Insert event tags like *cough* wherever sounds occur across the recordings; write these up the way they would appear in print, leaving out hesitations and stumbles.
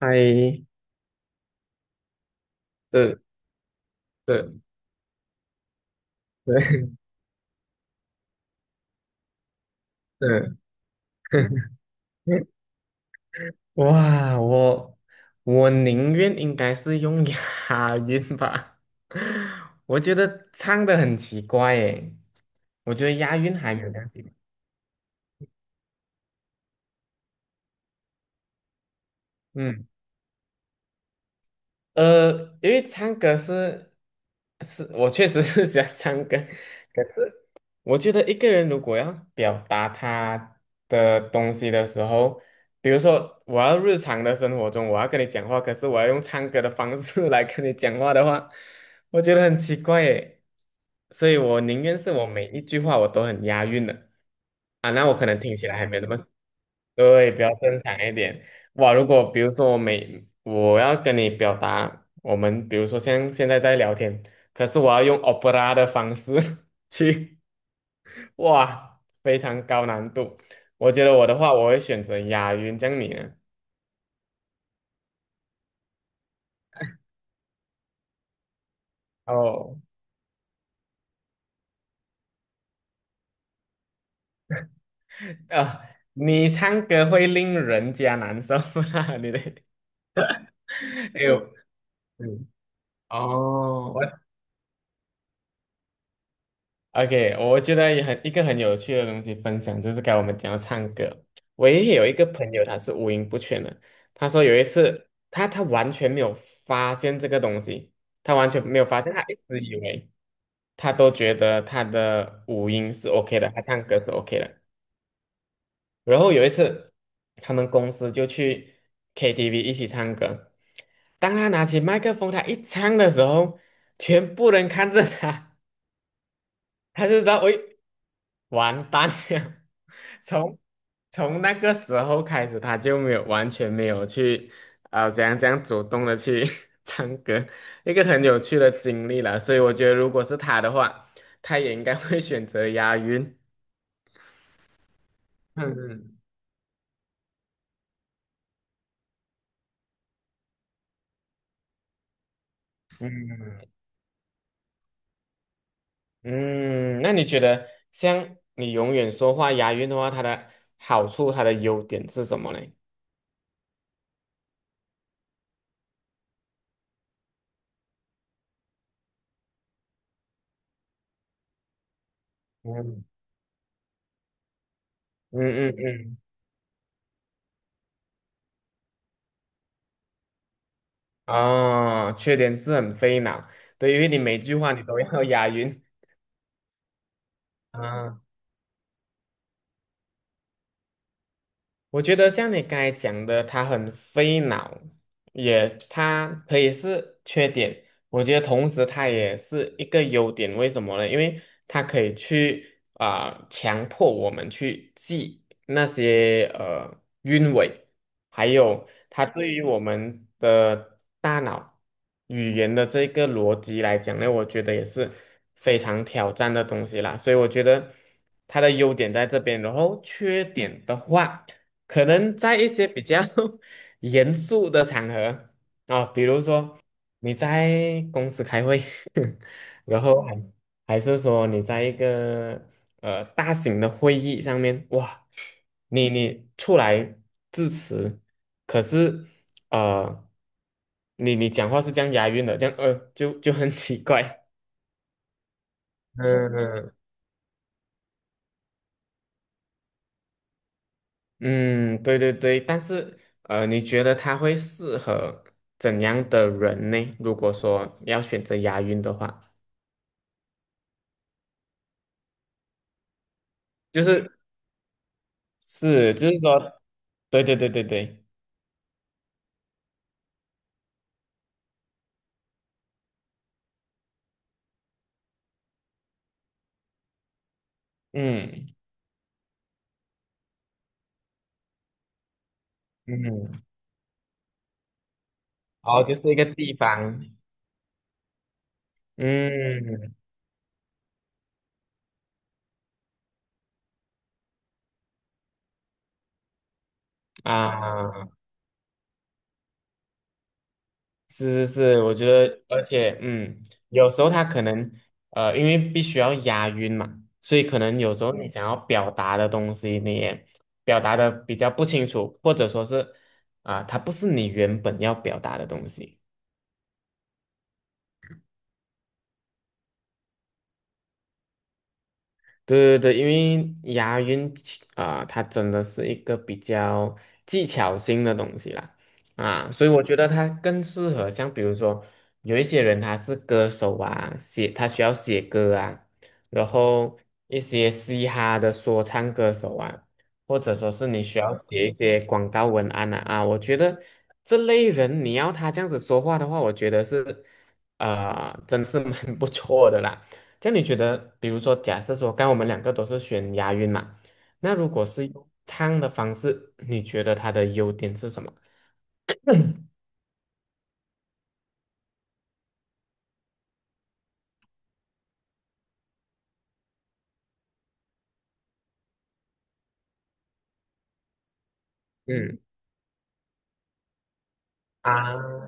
嗨，对对对对，*laughs* 哇，我宁愿应该是用押韵吧，*laughs* 我觉得唱的很奇怪诶，我觉得押韵还没有关系。嗯，呃，因为唱歌是，我确实是喜欢唱歌，可是我觉得一个人如果要表达他的东西的时候，比如说我要日常的生活中我要跟你讲话，可是我要用唱歌的方式 *laughs* 来跟你讲话的话，我觉得很奇怪耶。所以我宁愿是我每一句话我都很押韵的啊，那我可能听起来还没那么对，比较正常一点。哇，如果比如说我要跟你表达，我们比如说像现在在聊天，可是我要用 opera 的方式 *laughs* 去，哇，非常高难度。我觉得我的话，我会选择押韵，这样你呢？哦，啊，你唱歌会令人家难受吗？*laughs* 你的，哎呦，嗯，哦，OK,我觉得也很一个很有趣的东西分享，就是该我们讲到唱歌。我也有一个朋友，他是五音不全的。他说有一次，他完全没有发现这个东西，他完全没有发现，他一直以为他都觉得他的五音是 OK 的，他唱歌是 OK 的。然后有一次，他们公司就去 KTV 一起唱歌，当他拿起麦克风，他一唱的时候，全部人看着他，*laughs* 他就知道，喂。完蛋了。*laughs* 从从那个时候开始，他就没有完全没有去怎样怎样主动的去 *laughs* 唱歌，一个很有趣的经历了。所以我觉得，如果是他的话，他也应该会选择押韵。嗯嗯嗯，那你觉得像你永远说话押韵的话，它的好处、它的优点是什么呢？嗯嗯嗯嗯，哦，缺点是很费脑，对，因为你每句话你都要押韵。啊，我觉得像你刚才讲的，它很费脑，也它可以是缺点。我觉得同时它也是一个优点，为什么呢？因为它可以去啊、强迫我们去记那些韵尾，还有它对于我们的大脑语言的这个逻辑来讲呢，我觉得也是非常挑战的东西啦。所以我觉得它的优点在这边，然后缺点的话。可能在一些比较 *laughs* 严肃的场合啊，比如说你在公司开会，*laughs* 然后还是说你在一个大型的会议上面，哇，你出来致辞，可是呃你讲话是这样押韵的，这样就很奇怪，嗯嗯，对对对，但是你觉得他会适合怎样的人呢？如果说要选择押韵的话，就是是，就是说，对对对对对，嗯嗯，哦，就是一个地方，嗯啊。是是是，我觉得，而且，嗯，有时候他可能，因为必须要押韵嘛，所以可能有时候你想要表达的东西，你也表达的比较不清楚，或者说是，啊、它不是你原本要表达的东西。对对对，因为押韵其啊、它真的是一个比较技巧性的东西啦，啊，所以我觉得它更适合像比如说有一些人他是歌手啊，他需要写歌啊，然后一些嘻哈的说唱歌手啊，或者说是你需要写一些广告文案啊，啊，我觉得这类人你要他这样子说话的话，我觉得是啊，真是蛮不错的啦。这样你觉得，比如说，假设说，刚刚我们两个都是选押韵嘛，那如果是用唱的方式，你觉得它的优点是什么？嗯啊，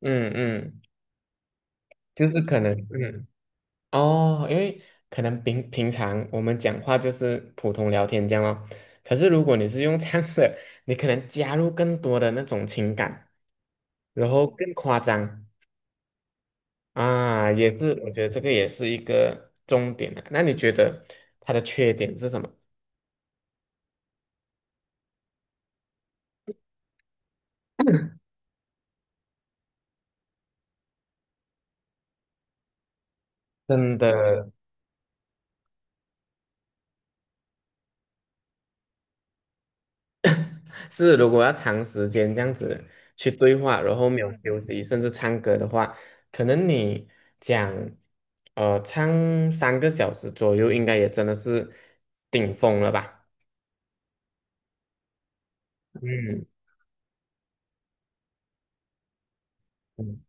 嗯嗯，就是可能，嗯哦，因为可能平平常我们讲话就是普通聊天这样哦，可是如果你是用唱的，你可能加入更多的那种情感，然后更夸张啊，也是，我觉得这个也是一个重点的。那你觉得它的缺点是什么？真的是，如果要长时间这样子去对话，然后没有休息，甚至唱歌的话，可能你讲，唱3个小时左右，应该也真的是顶峰了吧？嗯嗯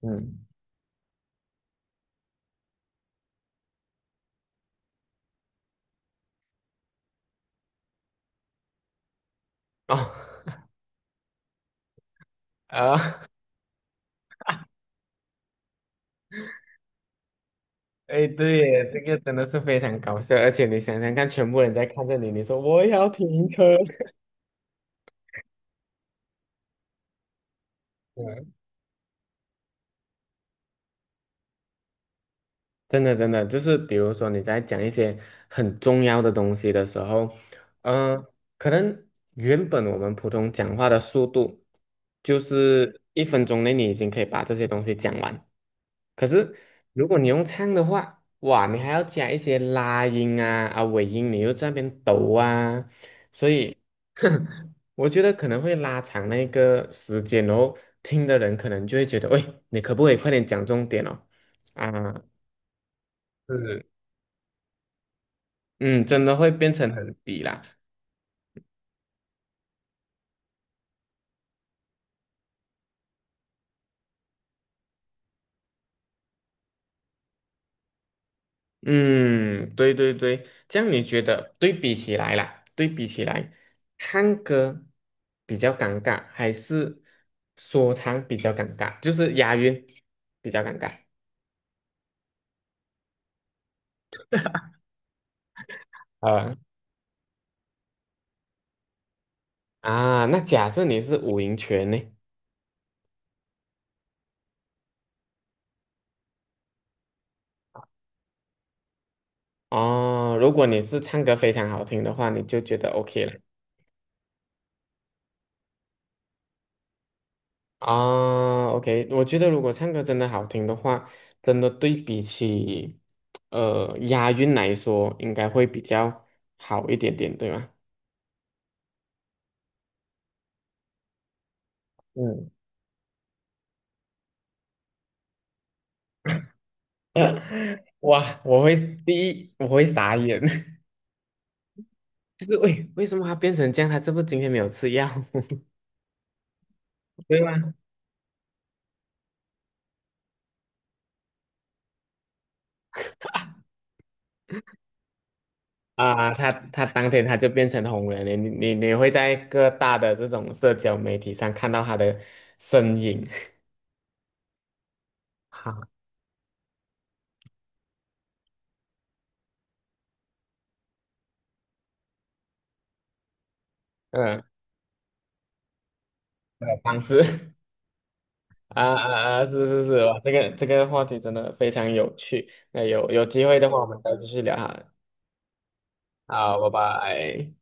嗯，哦 *laughs* 啊，哎，对耶，这个真的是非常搞笑，而且你想想看，全部人在看着你，你说我也要停车，*laughs* 真的，真的，就是比如说你在讲一些很重要的东西的时候，呃，可能原本我们普通讲话的速度就是1分钟内你已经可以把这些东西讲完，可是如果你用唱的话，哇，你还要加一些拉音啊啊尾音，你又在那边抖啊，所以 *laughs* 我觉得可能会拉长那个时间，哦。听的人可能就会觉得，喂，你可不可以快点讲重点哦？啊，是。嗯，真的会变成很低啦。嗯，对对对，这样你觉得对比起来啦，对比起来，唱歌比较尴尬，还是说唱比较尴尬？就是押韵比较尴尬啊，啊。那假设你是五音全呢？哦，如果你是唱歌非常好听的话，你就觉得 OK 了。啊，OK,我觉得如果唱歌真的好听的话，真的对比起押韵来说，应该会比较好一点点，对吗？嗯，*laughs* 哇，我会第一，我会傻眼，*laughs* 就是为什么他变成这样？他这不今天没有吃药 *laughs* 对吗？啊？他当天他就变成红人了，你会在各大的这种社交媒体上看到他的身影，*laughs* 好，嗯，方式。啊啊啊！是是是，哇，这个话题真的非常有趣。那有机会的话，我们再继续聊哈。好，拜拜。